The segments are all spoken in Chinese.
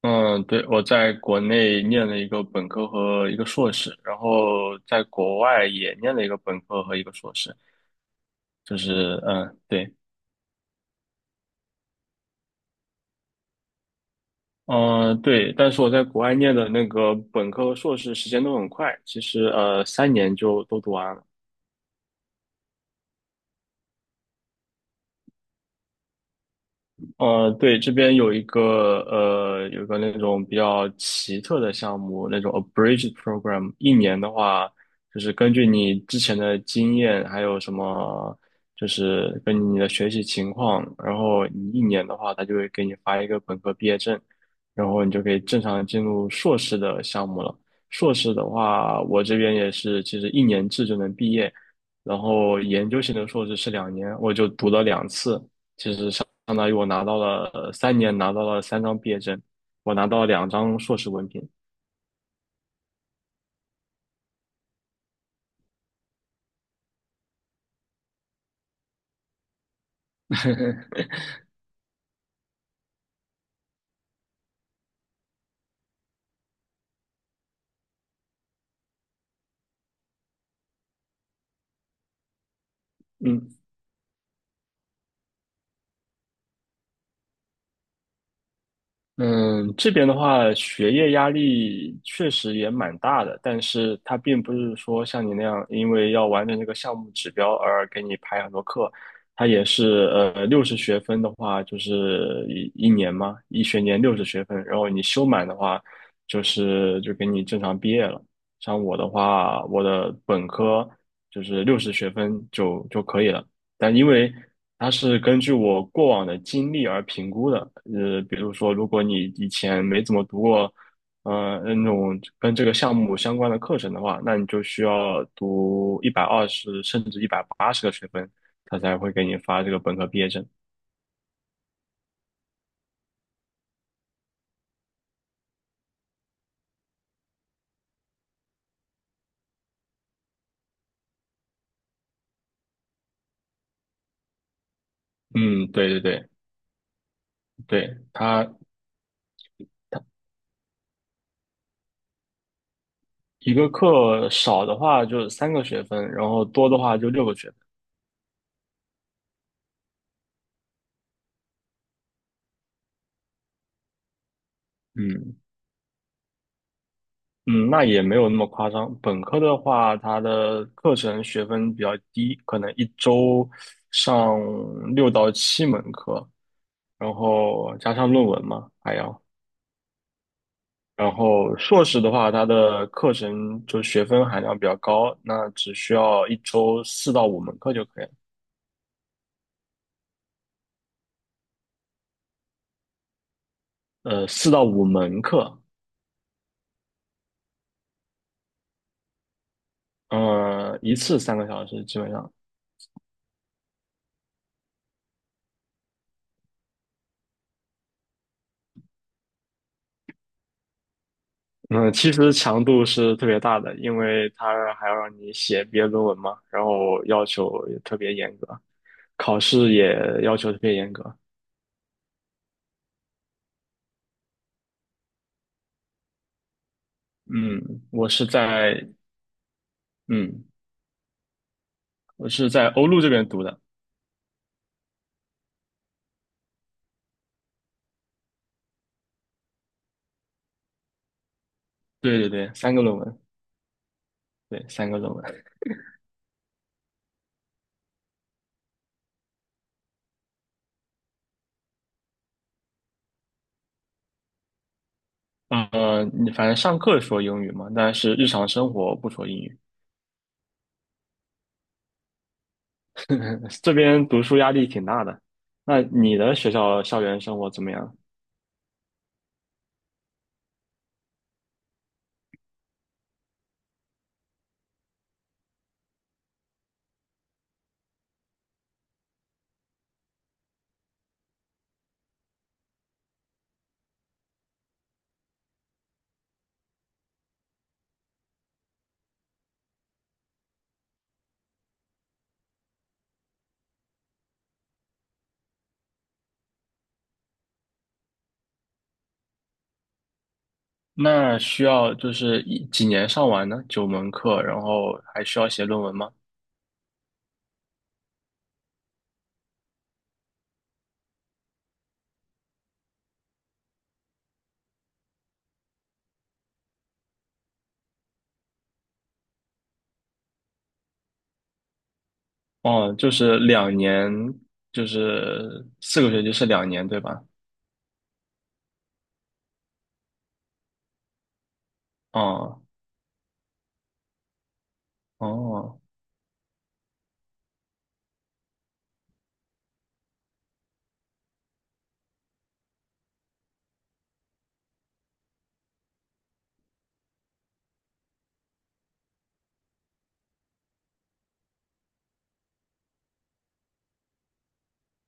嗯，对，我在国内念了一个本科和一个硕士，然后在国外也念了一个本科和一个硕士，就是嗯，对，嗯，对，但是我在国外念的那个本科和硕士时间都很快，其实三年就都读完了。呃，对，这边有个那种比较奇特的项目，那种 abridged program，一年的话，就是根据你之前的经验，还有什么，就是根据你的学习情况，然后你一年的话，他就会给你发一个本科毕业证，然后你就可以正常进入硕士的项目了。硕士的话，我这边也是，其实一年制就能毕业，然后研究型的硕士是两年，我就读了2次。相当于我拿到了三年，拿到了3张毕业证，我拿到了2张硕士文凭。嗯，嗯，这边的话，学业压力确实也蛮大的，但是它并不是说像你那样，因为要完成这个项目指标而给你排很多课，它也是六十学分的话，就是一年嘛，一学年六十学分，然后你修满的话，就是就给你正常毕业了。像我的话，我的本科就是六十学分就可以了。但因为它是根据我过往的经历而评估的，比如说，如果你以前没怎么读过，那种跟这个项目相关的课程的话，那你就需要读120甚至180个学分，他才会给你发这个本科毕业证。嗯，对对对对，它一个课少的话就3个学分，然后多的话就6个学分。嗯，嗯，那也没有那么夸张。本科的话，它的课程学分比较低，可能一周上6到7门课，然后加上论文嘛，还要。然后硕士的话，它的课程就学分含量比较高，那只需要一周四到五门课就可以了。四到五门课，嗯，一次3个小时，基本上。嗯，其实强度是特别大的，因为他还要让你写毕业论文嘛，然后要求也特别严格，考试也要求特别严格。嗯，我是在嗯，我是在欧陆这边读的，对对对，三个论文，对，三个论文。你反正上课说英语嘛，但是日常生活不说英语。这边读书压力挺大的。那你的学校校园生活怎么样？那需要就是几年上完呢？9门课，然后还需要写论文吗？哦，就是两年，就是4个学期是两年，对吧？哦哦，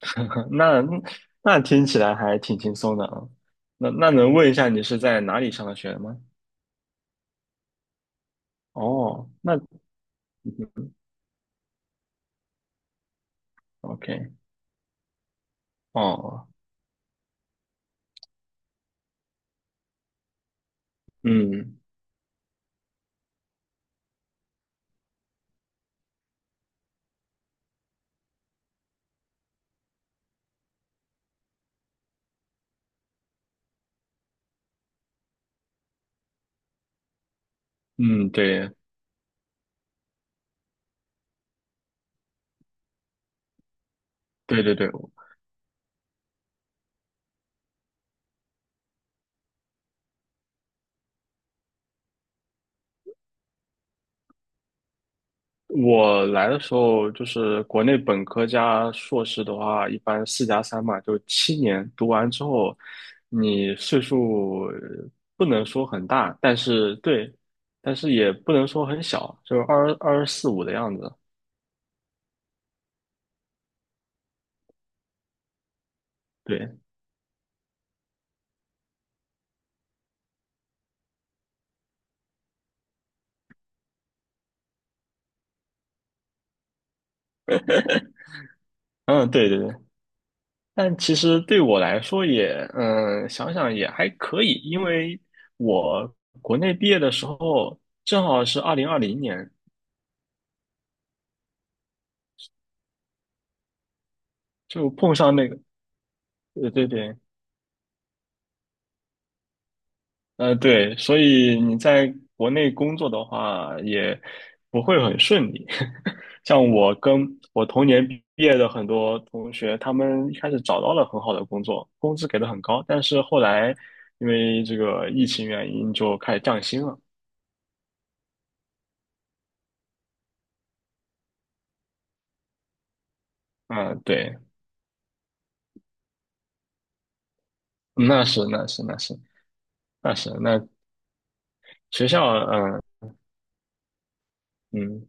那那听起来还挺轻松的啊。那能问一下你是在哪里上的学吗？哦，那 OK，哦，嗯嗯，对对对对，我来的时候就是国内本科加硕士的话，一般4加3嘛，就7年读完之后，你岁数不能说很大，但是对，但是也不能说很小，就是二十四五的样子。对，嗯，对对对。但其实对我来说也，嗯，想想也还可以，因为我国内毕业的时候正好是2020年，就碰上那个，对对对，对，所以你在国内工作的话，也不会很顺利。像我跟我同年毕业的很多同学，他们一开始找到了很好的工作，工资给的很高，但是后来因为这个疫情原因就开始降薪了。嗯，对，那是那是那是那是那学校，嗯嗯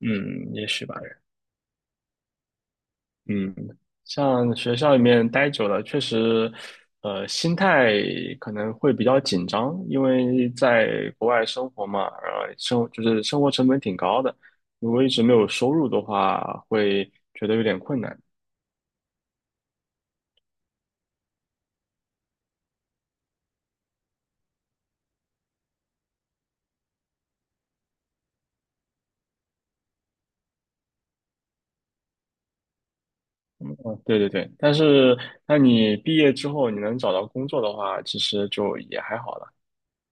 嗯，也许吧。嗯，像学校里面待久了，确实，心态可能会比较紧张，因为在国外生活嘛，就是生活成本挺高的，如果一直没有收入的话，会觉得有点困难。嗯，对对对，但是那你毕业之后你能找到工作的话，其实就也还好了，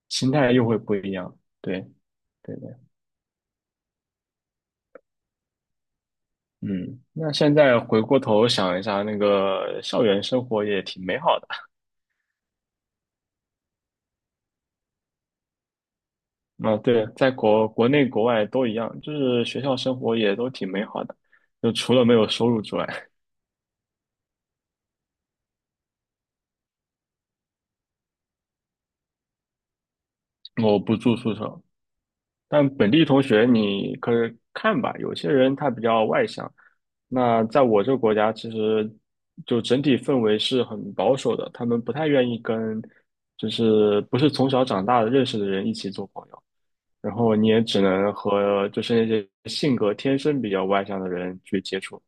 心态又会不一样。对对对，嗯，那现在回过头想一下，那个校园生活也挺美好的。啊，对，在国内国外都一样，就是学校生活也都挺美好的，就除了没有收入之外，我不住宿舍。但本地同学你可以看吧，有些人他比较外向，那在我这个国家其实就整体氛围是很保守的，他们不太愿意跟就是不是从小长大的认识的人一起做朋友，然后你也只能和就是那些性格天生比较外向的人去接触。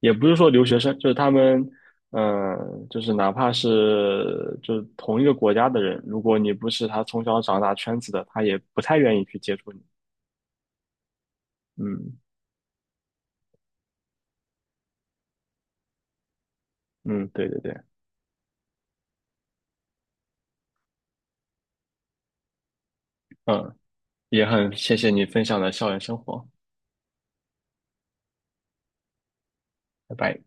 也不是说留学生，就是他们，嗯，就是哪怕是就是同一个国家的人，如果你不是他从小长大圈子的，他也不太愿意去接触你。嗯嗯，对对对，嗯，也很谢谢你分享的校园生活，拜拜。